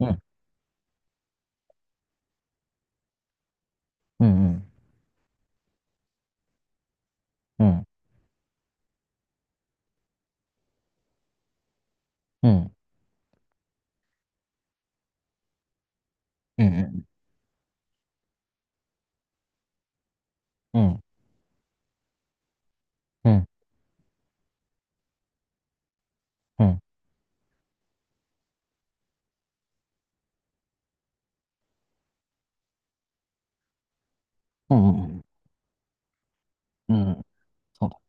うん、うん、うん、うん、うん、うん、うん、うん、うん、うん、うん、うん、そうだ。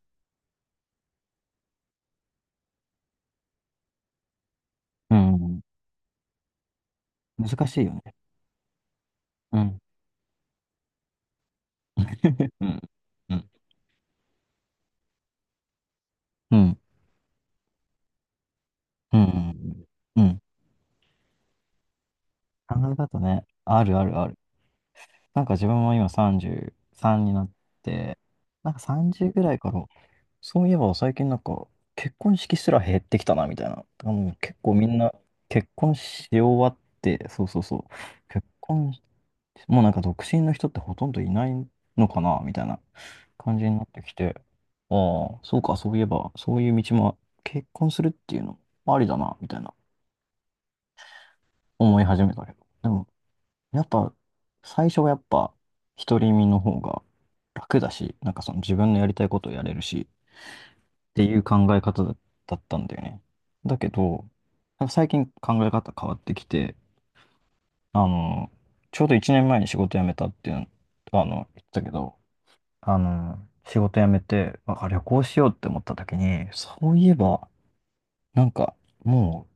うん、難しいよね。うん、うん、うん、うん、うん、うん。考え方ね、あるあるある。なんか自分も今33になって、なんか30ぐらいから、そういえば最近なんか結婚式すら減ってきたな、みたいな。あの、結構みんな結婚し終わって、そうそうそう。結婚もうなんか独身の人ってほとんどいないのかなみたいな感じになってきて、ああ、そうか、そういえば、そういう道も結婚するっていうのもありだな、みたいな思い始めたけど。でも、やっぱ、最初はやっぱ、独り身の方が楽だし、なんかその自分のやりたいことをやれるし、っていう考え方だったんだよね。だけど、なんか最近考え方変わってきて、あの、ちょうど1年前に仕事辞めたっていうの、あの、言ってたけど、あの、仕事辞めて、あ、旅行しようって思った時に、そういえば、なんか、も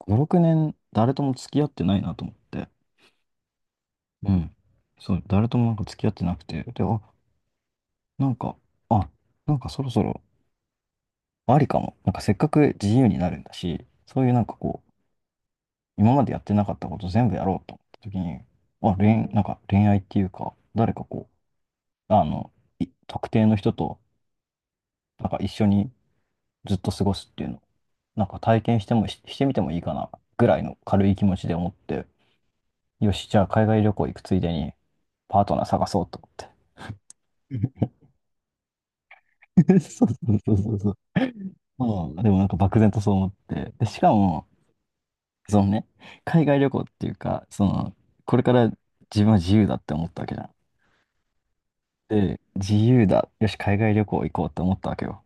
う、5、6年、誰とも付き合ってないなと思って。うん。そう、誰ともなんか付き合ってなくて。で、あ、なんか、あ、なんかそろそろ、ありかも。なんかせっかく自由になるんだし、そういうなんかこう、今までやってなかったこと全部やろうと思った時に、あ、なんか恋愛っていうか、誰かこう、あの、特定の人と、なんか一緒にずっと過ごすっていうのなんか体験してしてみてもいいかなぐらいの軽い気持ちで思って、よし、じゃあ海外旅行行くついでにパートナー探そうと思って。そうそうそうそ うまあ、でもなんか漠然とそう思って。で、しかも、そのね、海外旅行っていうか、その、これから自分は自由だって思ったわけじゃん。で、自由だ。よし、海外旅行行こうって思ったわけよ。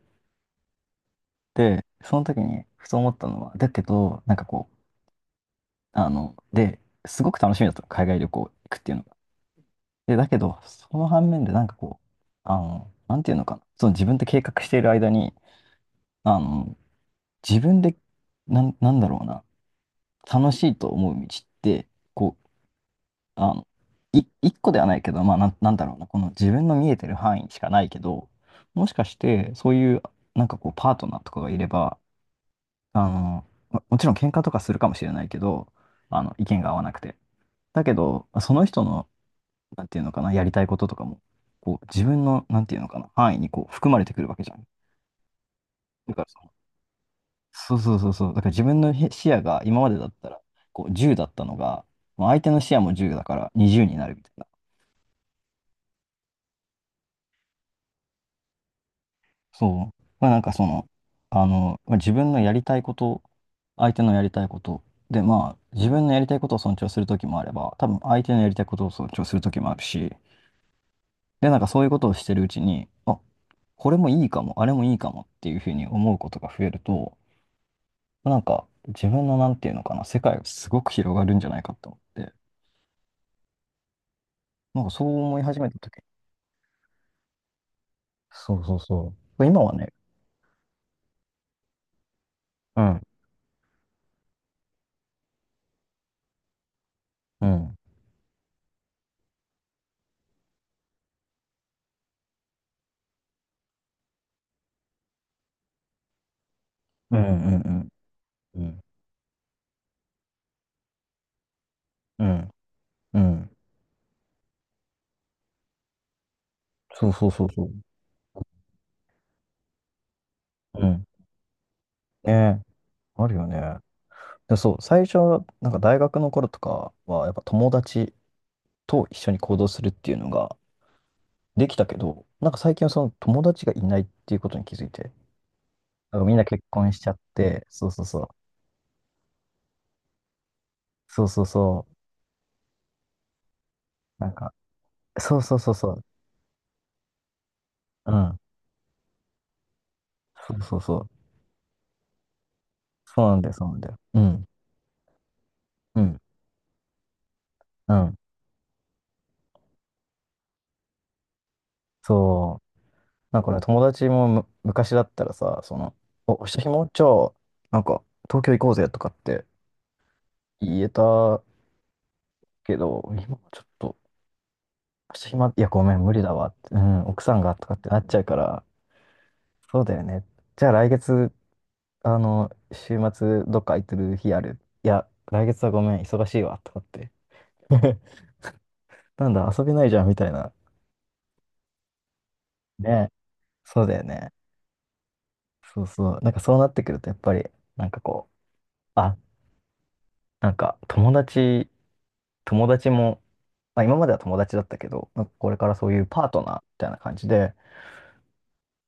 で、その時に、ふと思ったのは、だけど、なんかこう、あの、で、すごく楽しみだったの海外旅行行くっていうの。で、だけど、その反面でなんかこう、あの、なんていうのかな、その自分で計画している間に、あの、自分で、なんだろうな、楽しいと思う道って、こう、あの、一個ではないけど、まあ、なんだろうな、この自分の見えてる範囲しかないけど、もしかして、そういう、なんかこう、パートナーとかがいれば、あの、もちろん喧嘩とかするかもしれないけど、あの、意見が合わなくて。だけど、その人の、なんていうのかな、やりたいこととかも、こう、自分の、なんていうのかな、範囲にこう、含まれてくるわけじゃん。だからその、そうそうそうそう、だから自分の視野が今までだったら、こう、10だったのが、まあ相手の視野も10だから20になるみたいな。そう。まあなんかその、あの、まあ、自分のやりたいこと、相手のやりたいこと、で、まあ、自分のやりたいことを尊重するときもあれば、多分相手のやりたいことを尊重するときもあるし、で、なんかそういうことをしてるうちに、あ、これもいいかも、あれもいいかもっていうふうに思うことが増えると、なんか自分のなんていうのかな、世界がすごく広がるんじゃないかと思って、なんかそう思い始めた時に、そうそうそう。今はね、うん、うん、うん、うん、うん、うん、うん、そうそうそうそう。うん。ねえ、あるよね。で、そう、最初、なんか大学の頃とかは、やっぱ友達と一緒に行動するっていうのができたけど、なんか最近はその友達がいないっていうことに気づいて、なんかみんな結婚しちゃって、そうそうそう。そうそうそう。なんか、そうそうそうそう。うん。そうそうそう。そうなんだよ、そうなんだよ。うん。うん。うん。そう。なんかね、友達も昔だったらさ、その、下もじゃあ、なんか、東京行こうぜとかって言えたけど、今はちょっと、いや、ごめん、無理だわって、うん、奥さんがとかってなっちゃうから、そうだよね。じゃあ来月、あの、週末、どっか空いてる日ある？いや、来月はごめん、忙しいわ、とかって。なんだ、遊べないじゃん、みたいな。ね。そうだよね。そうそう。なんかそうなってくると、やっぱり、なんかこう、あ、なんか友達も、まあ今までは友達だったけど、なんかこれからそういうパートナーみたいな感じで、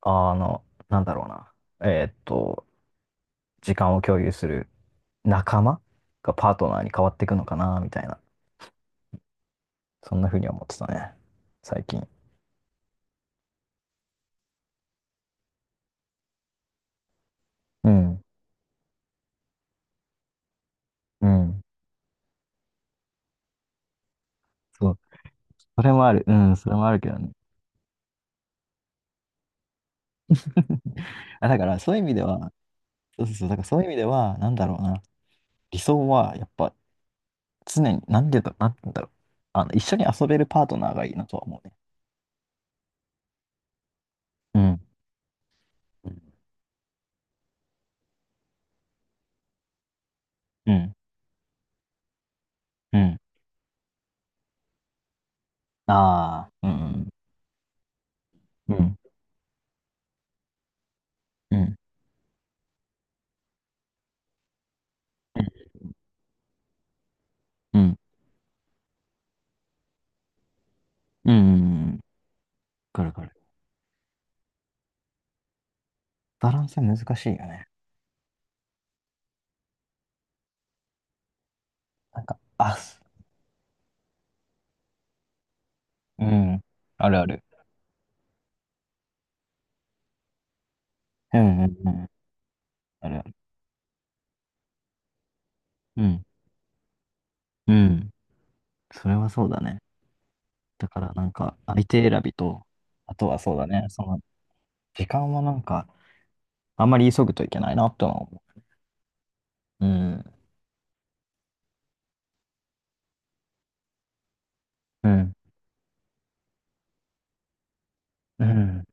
あの、なんだろうな、えーっと、時間を共有する仲間がパートナーに変わっていくのかな、みたいな、そんな風に思ってたね、最近。うん、うん。そう、それもある。うん、それもあるけどね。あ、だからそういう意味では、そうそうそう、だからそういう意味では、なんだろうな、理想はやっぱ常に、なんでだ、なんだろう。あの、一緒に遊べるパートナーがいいなとは思うね。うん、うん、うん。ああ、うん、うん、うん、うん、うん、うん。うんくるわかる。バランス難しいよね。なんか、あ、すうん、あるある。うん、うん、うん、あるある。うん、うん。それはそうだね。だから、なんか、相手選びと、あとはそうだね、その、時間はなんか、あんまり急ぐといけないなってのは思う。うん、うん、うん。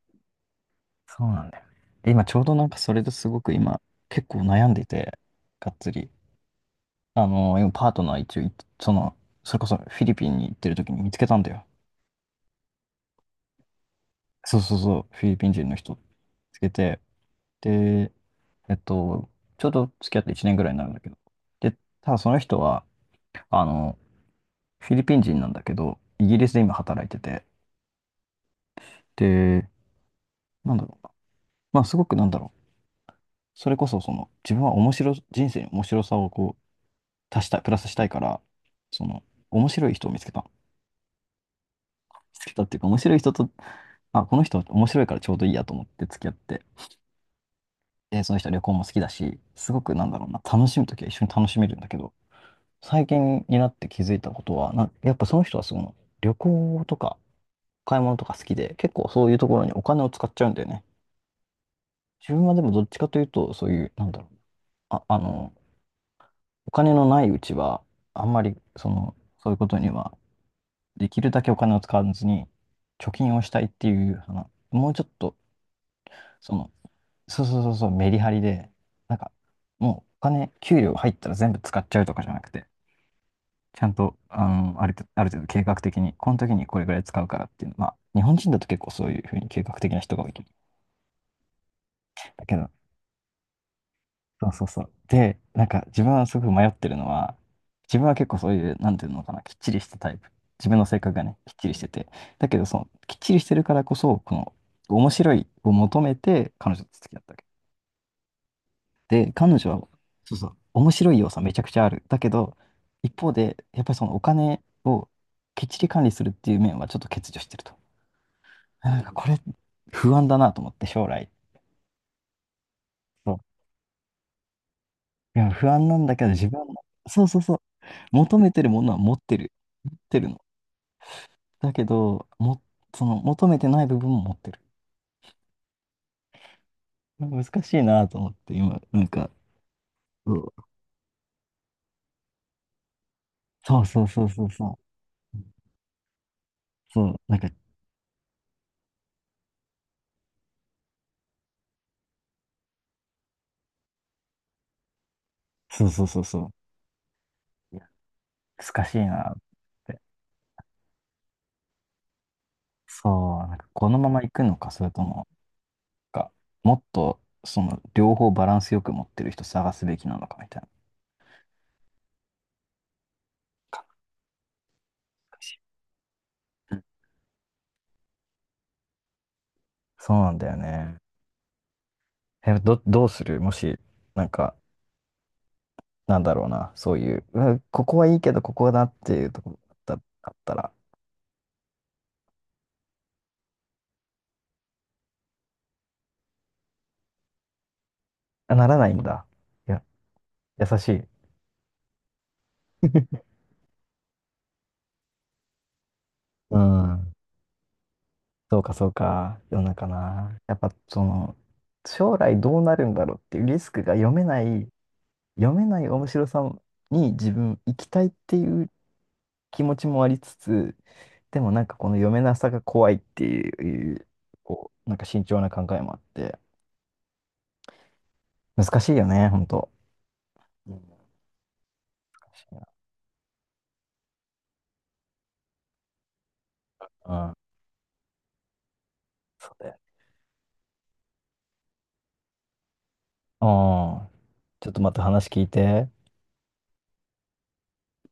そうなんだよね。で今ちょうどなんかそれですごく今結構悩んでて、がっつり。あの、今パートナー一応い、その、それこそフィリピンに行ってる時に見つけたんだよ。そうそうそう、フィリピン人の人見つけて。で、えっと、ちょうど付き合って1年ぐらいになるんだけど。で、ただその人は、あの、フィリピン人なんだけど、イギリスで今働いてて。で、なんだろうな。まあすごくなんだろう。それこそその、自分は人生に面白さをこう、足したい、プラスしたいから、その、面白い人を見つけた。見つけたっていうか、面白い人と、まあ、この人面白いからちょうどいいやと思って付き合って、で、その人は旅行も好きだし、すごくなんだろうな、楽しむときは一緒に楽しめるんだけど、最近になって気づいたことは、やっぱその人はその、旅行とか、買い物とか好きで、結構そういうところにお金を使っちゃうんだよね。自分はでもどっちかというと、そういう、なんだろう、あ、あの、お金のないうちは、あんまり、その、そういうことにはできるだけお金を使わずに貯金をしたいっていう話、もうちょっと、その、そうそうそうそう、メリハリで、なんか、もうお金、給料入ったら全部使っちゃうとかじゃなくて、ちゃんと、あの、ある程度計画的に、この時にこれぐらい使うからっていうの、まあ、日本人だと結構そういうふうに計画的な人が多いけど。だけど、そうそうそう。で、なんか自分はすごく迷ってるのは、自分は結構そういう、なんていうのかな、きっちりしたタイプ。自分の性格がね、きっちりしてて。だけど、その、きっちりしてるからこそ、この、面白いを求めて、彼女と付き合ったわけ。で、彼女は、そうそう、面白い要素はめちゃくちゃある。だけど、一方で、やっぱりそのお金をきっちり管理するっていう面はちょっと欠如してると。なんかこれ、不安だなと思って、将来。いや、不安なんだけど、自分は、そうそうそう。求めてるものは持ってる。持ってるの。だけど、その、求めてない部分も持ってる。難しいなと思って、今、なんか、そうそうそうそうそうそう。そう、なんか、そうそうそうそう。いや、難しいなって。そう、なんか、このまま行くのか、それとも、か、もっと、その、両方バランスよく持ってる人探すべきなのか、みたいな。かっこいいしうんそうなんだよね。え、どうするもし、なんか、なんだろうな、そういう、うわここはいいけど、ここだっていうところだったあったら、あならないんだ。いや、優しい。うん。そうか、そうか。世の中な。やっぱ、その、将来どうなるんだろうっていうリスクが読めない、読めない面白さに自分行きたいっていう気持ちもありつつ、でもなんかこの読めなさが怖いっていう、こう、なんか慎重な考えもあって、難しいよね、ほんと。うん難しいなうん。そうだよねああ、ちょっとまた話聞いて。